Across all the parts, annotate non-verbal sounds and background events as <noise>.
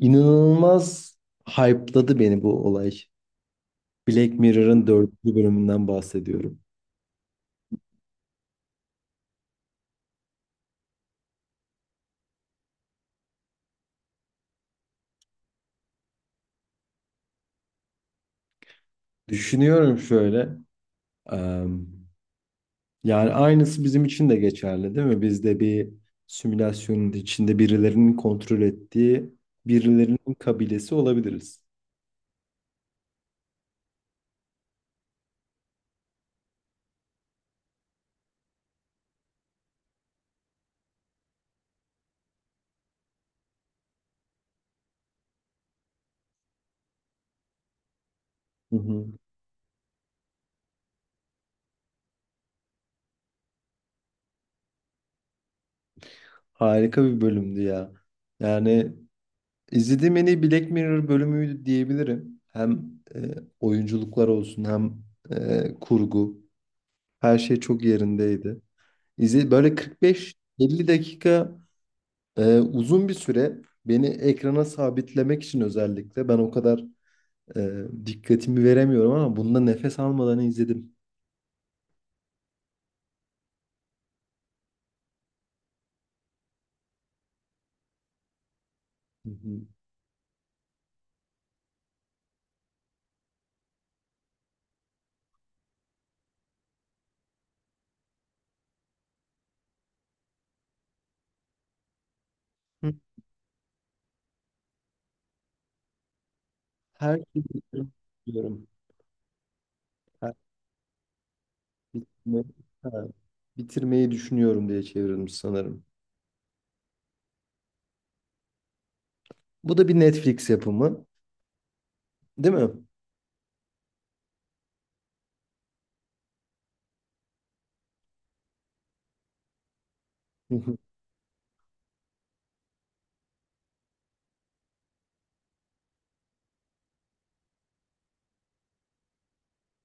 İnanılmaz hype'ladı beni bu olay. Black Mirror'ın dördüncü bölümünden bahsediyorum. Düşünüyorum şöyle. em, yani aynısı bizim için de geçerli değil mi? Biz de bir simülasyonun içinde birilerinin kontrol ettiği birilerinin kabilesi olabiliriz. Hı hı. Harika bir bölümdü ya. Yani izlediğim en iyi Black Mirror bölümüydü diyebilirim. Hem oyunculuklar olsun hem kurgu. Her şey çok yerindeydi. İzle böyle 45-50 dakika uzun bir süre beni ekrana sabitlemek için özellikle ben o kadar e, dikkatimi veremiyorum ama bunda nefes almadan izledim. Hı hı. Hı. Her şeyi bitirmiyorum. Her bitirme- ha, bitirmeyi düşünüyorum diye çevrilmiş sanırım. Bu da bir Netflix yapımı, değil mi? Hı hı.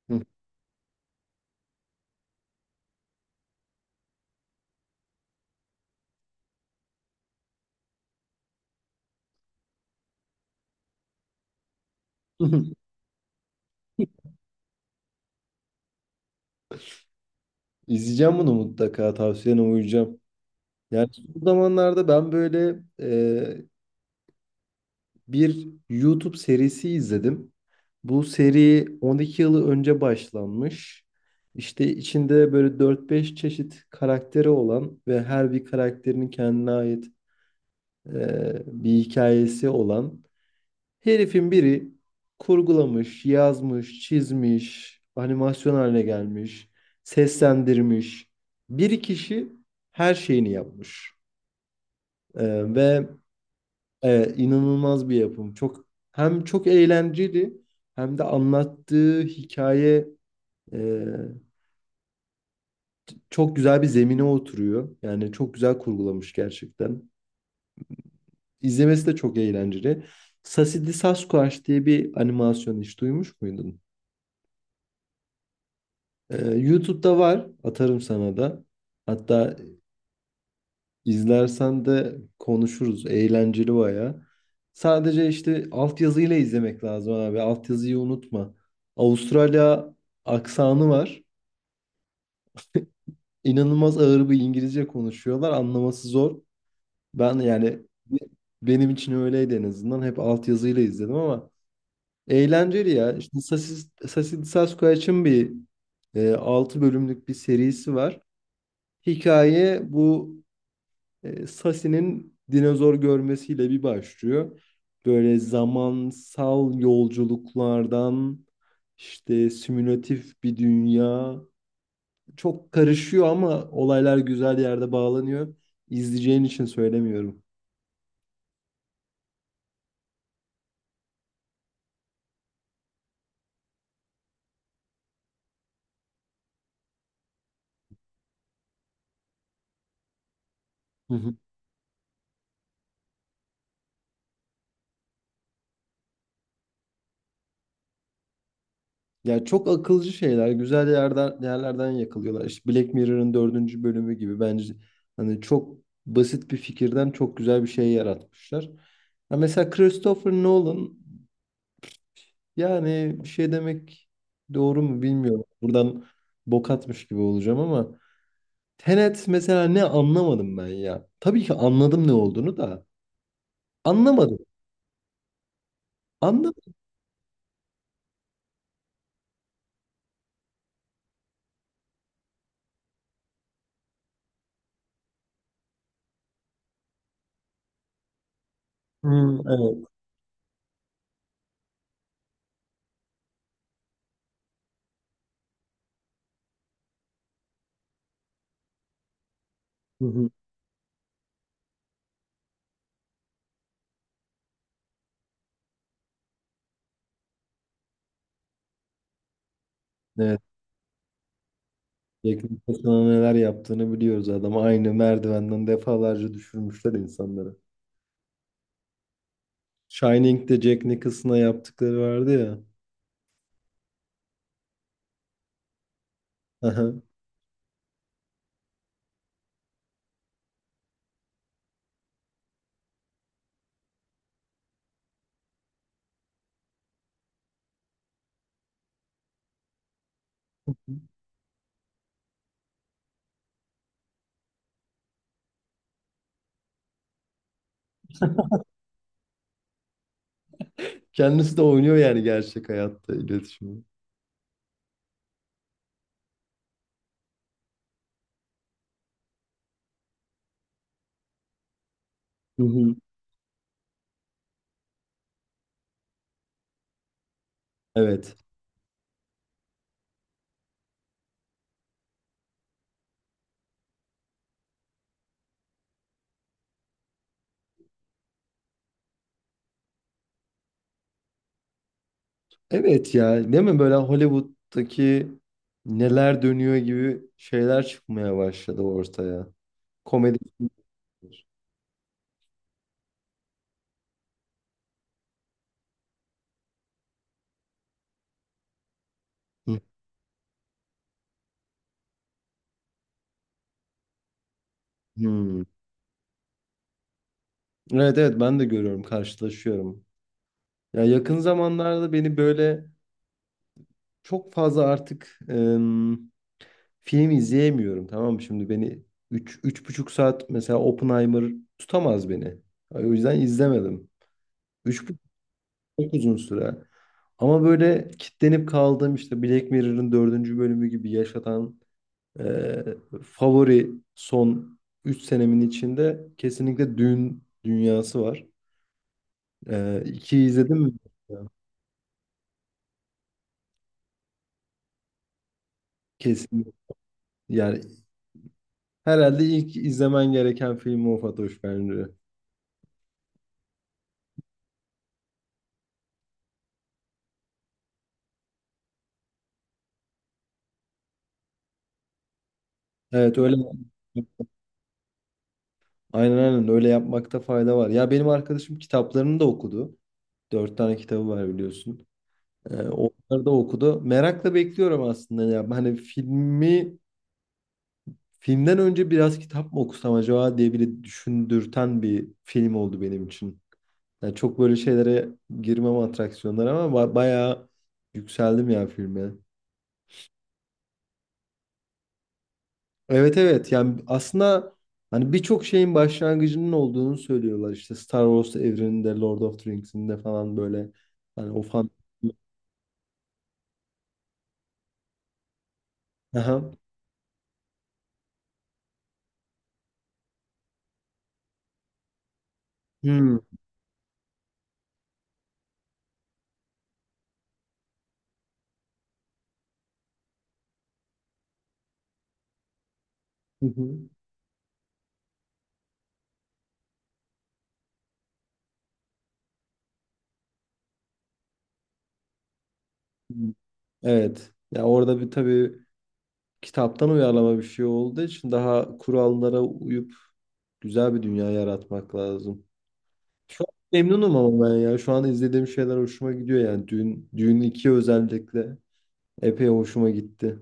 Hı. <laughs> İzleyeceğim bunu mutlaka. Tavsiyene uyacağım. Yani bu zamanlarda ben böyle bir YouTube serisi izledim. Bu seri 12 yılı önce başlanmış. İşte içinde böyle 4-5 çeşit karakteri olan ve her bir karakterinin kendine ait bir hikayesi olan herifin biri kurgulamış, yazmış, çizmiş, animasyon haline gelmiş, seslendirmiş. Bir kişi her şeyini yapmış. E, ve Evet, inanılmaz bir yapım. Çok hem çok eğlenceli hem de anlattığı hikaye e, çok güzel bir zemine oturuyor. Yani çok güzel kurgulamış gerçekten. İzlemesi de çok eğlenceli. Sassy Sasquatch diye bir animasyon hiç duymuş muydun? YouTube'da var. Atarım sana da. Hatta İzlersen de konuşuruz. Eğlenceli baya. Sadece işte altyazıyla izlemek lazım abi. Altyazıyı unutma. Avustralya aksanı var. İnanılmaz ağır bir İngilizce konuşuyorlar. Anlaması zor. Yani benim için öyleydi en azından. Hep altyazıyla izledim ama eğlenceli ya. İşte Sassy Sasquatch'ın bir 6 bölümlük bir serisi var. Hikaye bu. Sasi'nin dinozor görmesiyle bir başlıyor. Böyle zamansal yolculuklardan işte simülatif bir dünya çok karışıyor ama olaylar güzel yerde bağlanıyor. İzleyeceğin için söylemiyorum. Hı hı. Ya çok akılcı şeyler, güzel yerlerden yakalıyorlar. İşte Black Mirror'ın dördüncü bölümü gibi bence hani çok basit bir fikirden çok güzel bir şey yaratmışlar. Ya mesela Christopher Nolan. Yani bir şey demek doğru mu bilmiyorum. Buradan bok atmış gibi olacağım ama Tenet mesela ne anlamadım ben ya. Tabii ki anladım ne olduğunu da anlamadım. Anlamadım. Hmm, evet. Hı hı. Evet. Jack Nicholson'a neler yaptığını biliyoruz adam. Aynı merdivenden defalarca düşürmüşler insanları. Shining'de Jack Nicholson'a yaptıkları vardı ya. Aha. Kendisi de oynuyor yani gerçek hayatta iletişimi. Hı hı. Evet. Evet ya değil mi böyle Hollywood'daki neler dönüyor gibi şeyler çıkmaya başladı ortaya. Komedi filmler. Hı hı. Evet, evet, ben de görüyorum karşılaşıyorum. Ya yakın zamanlarda beni böyle çok fazla artık film izleyemiyorum tamam mı? Şimdi beni 3,5 saat mesela Oppenheimer tutamaz beni. O yüzden izlemedim. Üç Çok uzun süre. Ama böyle kitlenip kaldığım işte Black Mirror'ın dördüncü bölümü gibi yaşatan e, favori son 3 senemin içinde kesinlikle Dün dünyası var. 2'yi izledin mi? Kesin. Yani herhalde ilk izlemen gereken film o Fatoş bence. Evet öyle. Aynen, aynen, öyle yapmakta fayda var. Ya benim arkadaşım kitaplarını da okudu. Dört tane kitabı var biliyorsun. Onları da okudu. Merakla bekliyorum aslında ya. Hani filmden önce biraz kitap mı okusam acaba diye bile düşündürten bir film oldu benim için. Yani çok böyle şeylere girmem atraksiyonlara ama bayağı yükseldim ya filme. Evet, evet, yani aslında hani birçok şeyin başlangıcının olduğunu söylüyorlar işte Star Wars evreninde, Lord of the Rings'inde falan böyle hani o fan. Aha. Hmm. Hı hı. Evet. Ya orada bir tabii kitaptan uyarlama bir şey olduğu için daha kurallara uyup güzel bir dünya yaratmak lazım. Şu an memnunum ama ben ya. Şu an izlediğim şeyler hoşuma gidiyor yani. Düğün 2 özellikle epey hoşuma gitti.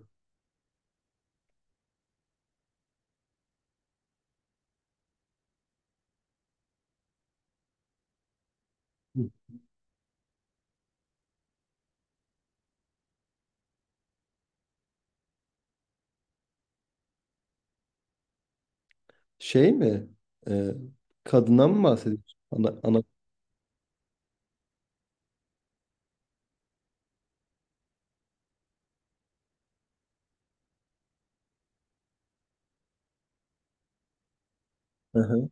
Hı. Şey mi? Ee, kadına mı bahsediyorsun? Ana, ana. Hı hı.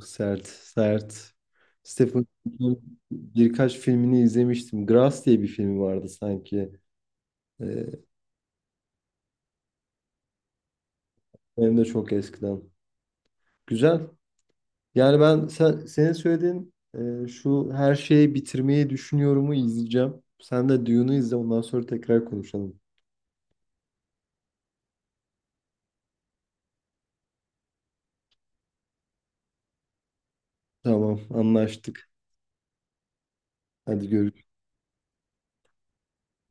Sert, sert. Stephen King'in birkaç filmini izlemiştim. Grass diye bir filmi vardı sanki. Ee, hem de çok eskiden. Güzel. Yani senin söylediğin şu her şeyi bitirmeyi düşünüyorumu izleyeceğim. Sen de Dune'u izle ondan sonra tekrar konuşalım. Tamam anlaştık. Hadi görüşürüz.